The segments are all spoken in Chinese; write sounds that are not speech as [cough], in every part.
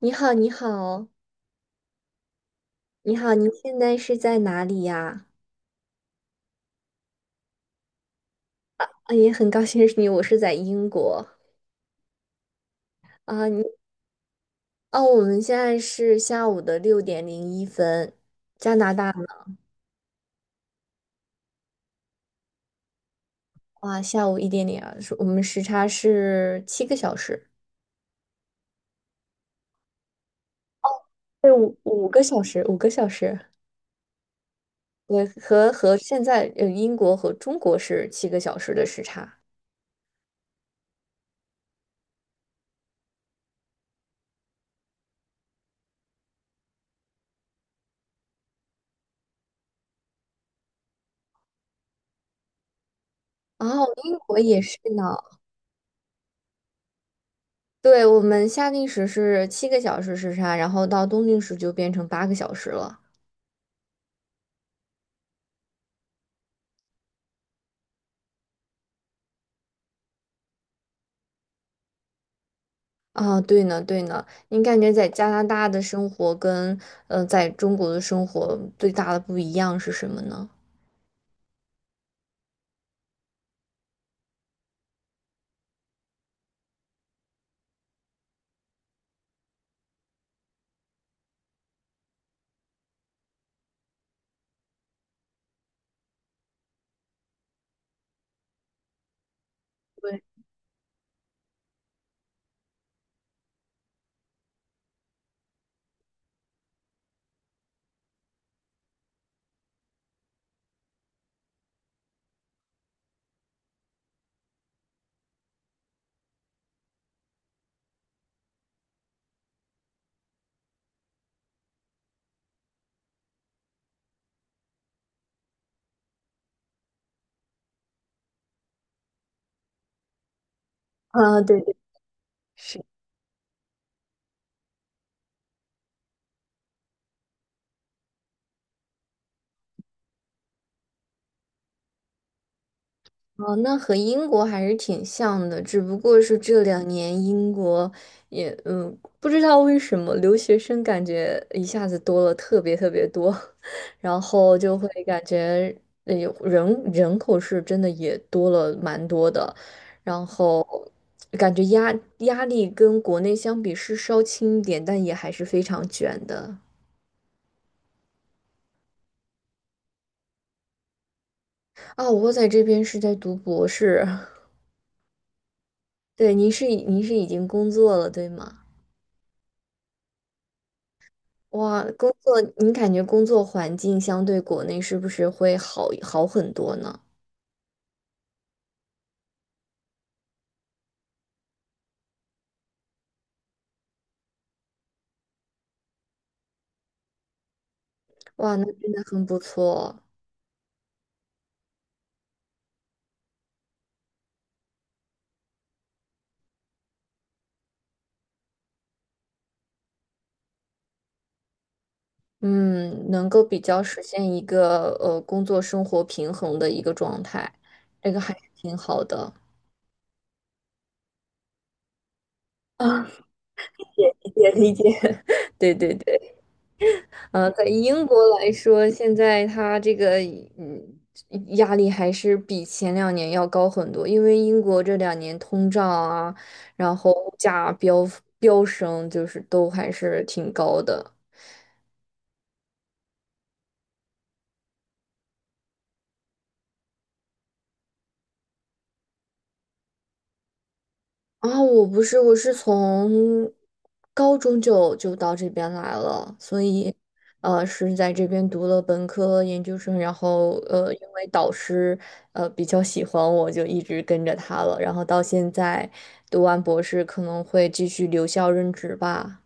你好，你好，你好，你现在是在哪里呀？啊，也很高兴认识你，我是在英国啊。哦，我们现在是下午的六点零一分，加拿大呢？哇，下午一点零二，是我们时差是七个小时，对，五个小时，五个小时，对，和现在英国和中国是七个小时的时差。哦，英国也是呢。对，我们夏令时是七个小时时差，然后到冬令时就变成8个小时了。啊，对呢，对呢，你感觉在加拿大的生活跟在中国的生活最大的不一样是什么呢？对，啊，对对。是。哦，那和英国还是挺像的，只不过是这两年英国也不知道为什么留学生感觉一下子多了特别特别多，[laughs] 然后就会感觉呃有人人口是真的也多了蛮多的，然后感觉压力跟国内相比是稍轻一点，但也还是非常卷的。啊，我在这边是在读博士，[laughs] 对，您是已经工作了，对吗？哇，工作，你感觉工作环境相对国内是不是会好很多呢？哇，那真的很不错，嗯，能够比较实现一个工作生活平衡的一个状态，这个还是挺好的。啊，[laughs] 也理解理解，[laughs] 对对对。在英国来说，现在它这个嗯压力还是比前两年要高很多，因为英国这两年通胀啊，然后物价飙升，就是都还是挺高的。啊，我不是，我是从高中就到这边来了，所以，是在这边读了本科、研究生，然后，因为导师，比较喜欢我，就一直跟着他了，然后到现在读完博士，可能会继续留校任职吧。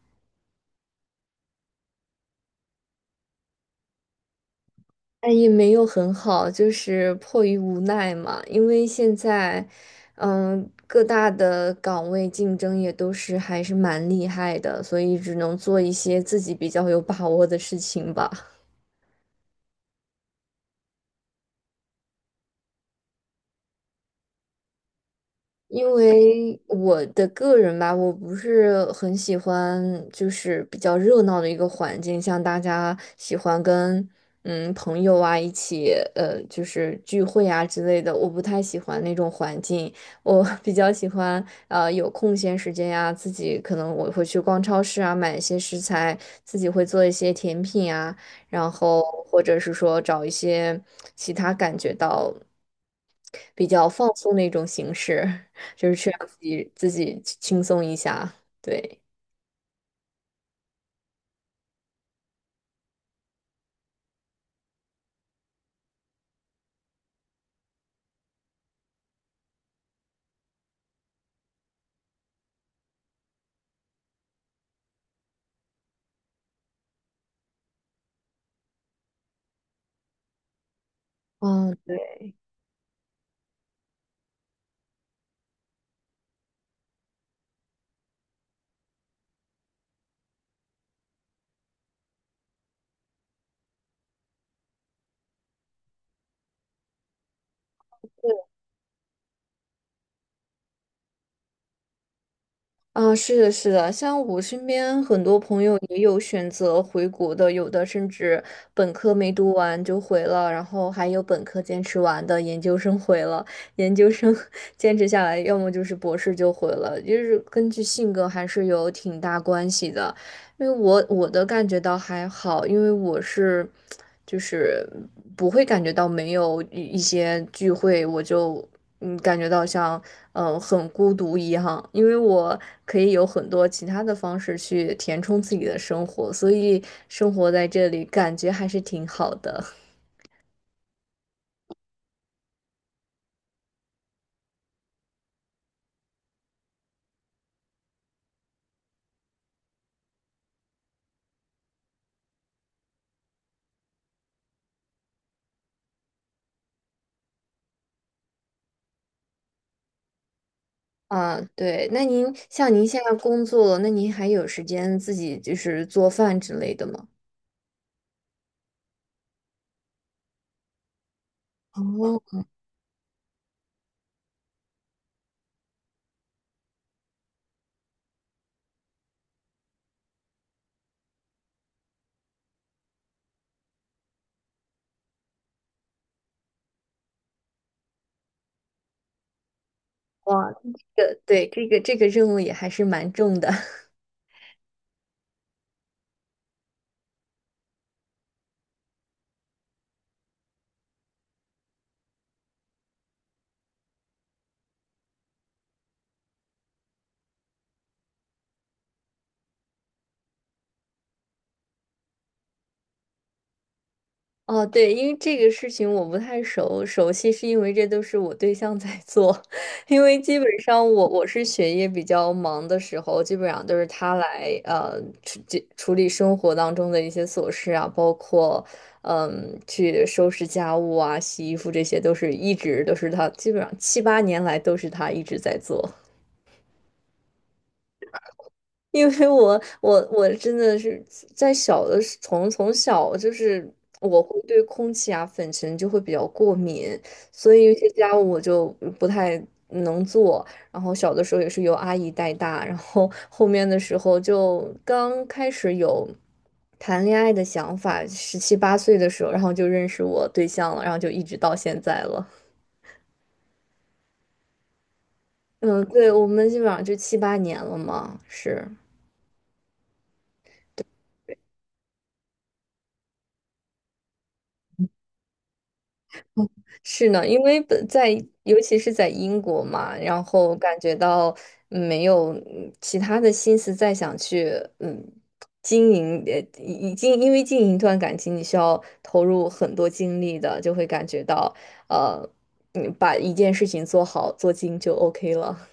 哎，也没有很好，就是迫于无奈嘛。因为现在，各大的岗位竞争也都是还是蛮厉害的，所以只能做一些自己比较有把握的事情吧。因为我的个人吧，我不是很喜欢，就是比较热闹的一个环境，像大家喜欢跟朋友啊一起，就是聚会啊之类的，我不太喜欢那种环境。我 [laughs] 比较喜欢，有空闲时间呀、自己可能我会去逛超市啊，买一些食材，自己会做一些甜品啊，然后或者是说找一些其他感觉到比较放松的一种形式。就是去让自己轻松一下。对，嗯，对，啊，是的，是的，像我身边很多朋友也有选择回国的，有的甚至本科没读完就回了，然后还有本科坚持完的，研究生回了，研究生 [laughs] 坚持下来，要么就是博士就回了，就是根据性格还是有挺大关系的。因为我的感觉到还好，因为我是就是不会感觉到没有一些聚会，我就感觉到像很孤独一样，因为我可以有很多其他的方式去填充自己的生活，所以生活在这里感觉还是挺好的。啊，对，那您像您现在工作了那您还有时间自己就是做饭之类的吗？哦，哇，这个对，这个任务也还是蛮重的。哦，对，因为这个事情我不太熟悉，是因为这都是我对象在做，[laughs] 因为基本上我是学业比较忙的时候，基本上都是他来处理生活当中的一些琐事啊，包括去收拾家务啊、洗衣服这些，都是一直都是他，基本上七八年来都是他一直在做。因为我真的是在小的时从从小就是我会对空气啊粉尘就会比较过敏，所以有些家务我就不太能做。然后小的时候也是由阿姨带大，然后后面的时候就刚开始有谈恋爱的想法，十七八岁的时候，然后就认识我对象了，然后就一直到现在了。嗯，对，我们基本上就七八年了嘛，是。嗯是呢，因为本在尤其是在英国嘛，然后感觉到没有其他的心思再想去嗯经营，已经因为经营一段感情，你需要投入很多精力的，就会感觉到呃，把一件事情做好做精就 OK 了。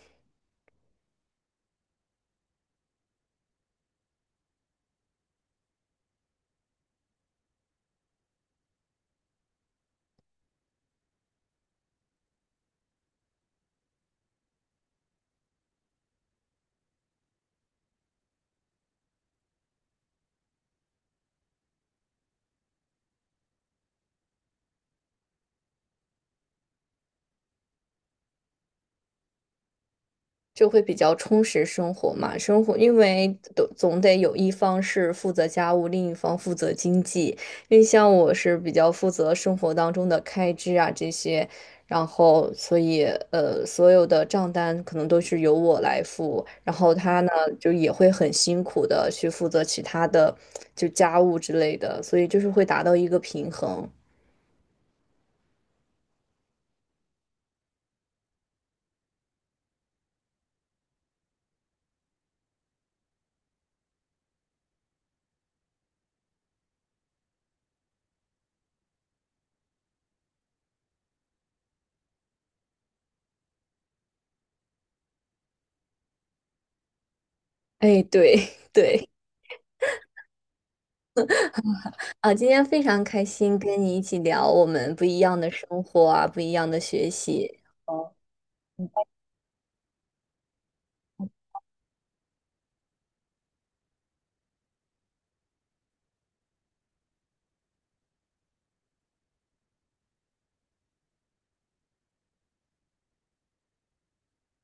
就会比较充实生活嘛。生活因为都总得有一方是负责家务，另一方负责经济。因为像我是比较负责生活当中的开支啊这些，然后所以所有的账单可能都是由我来付，然后他呢就也会很辛苦的去负责其他的就家务之类的，所以就是会达到一个平衡。哎，对 [laughs] 对。啊，今天非常开心跟你一起聊我们不一样的生活啊，不一样的学习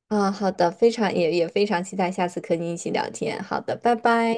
啊。好的，非常也非常期待下次和你一起聊天。好的，拜拜。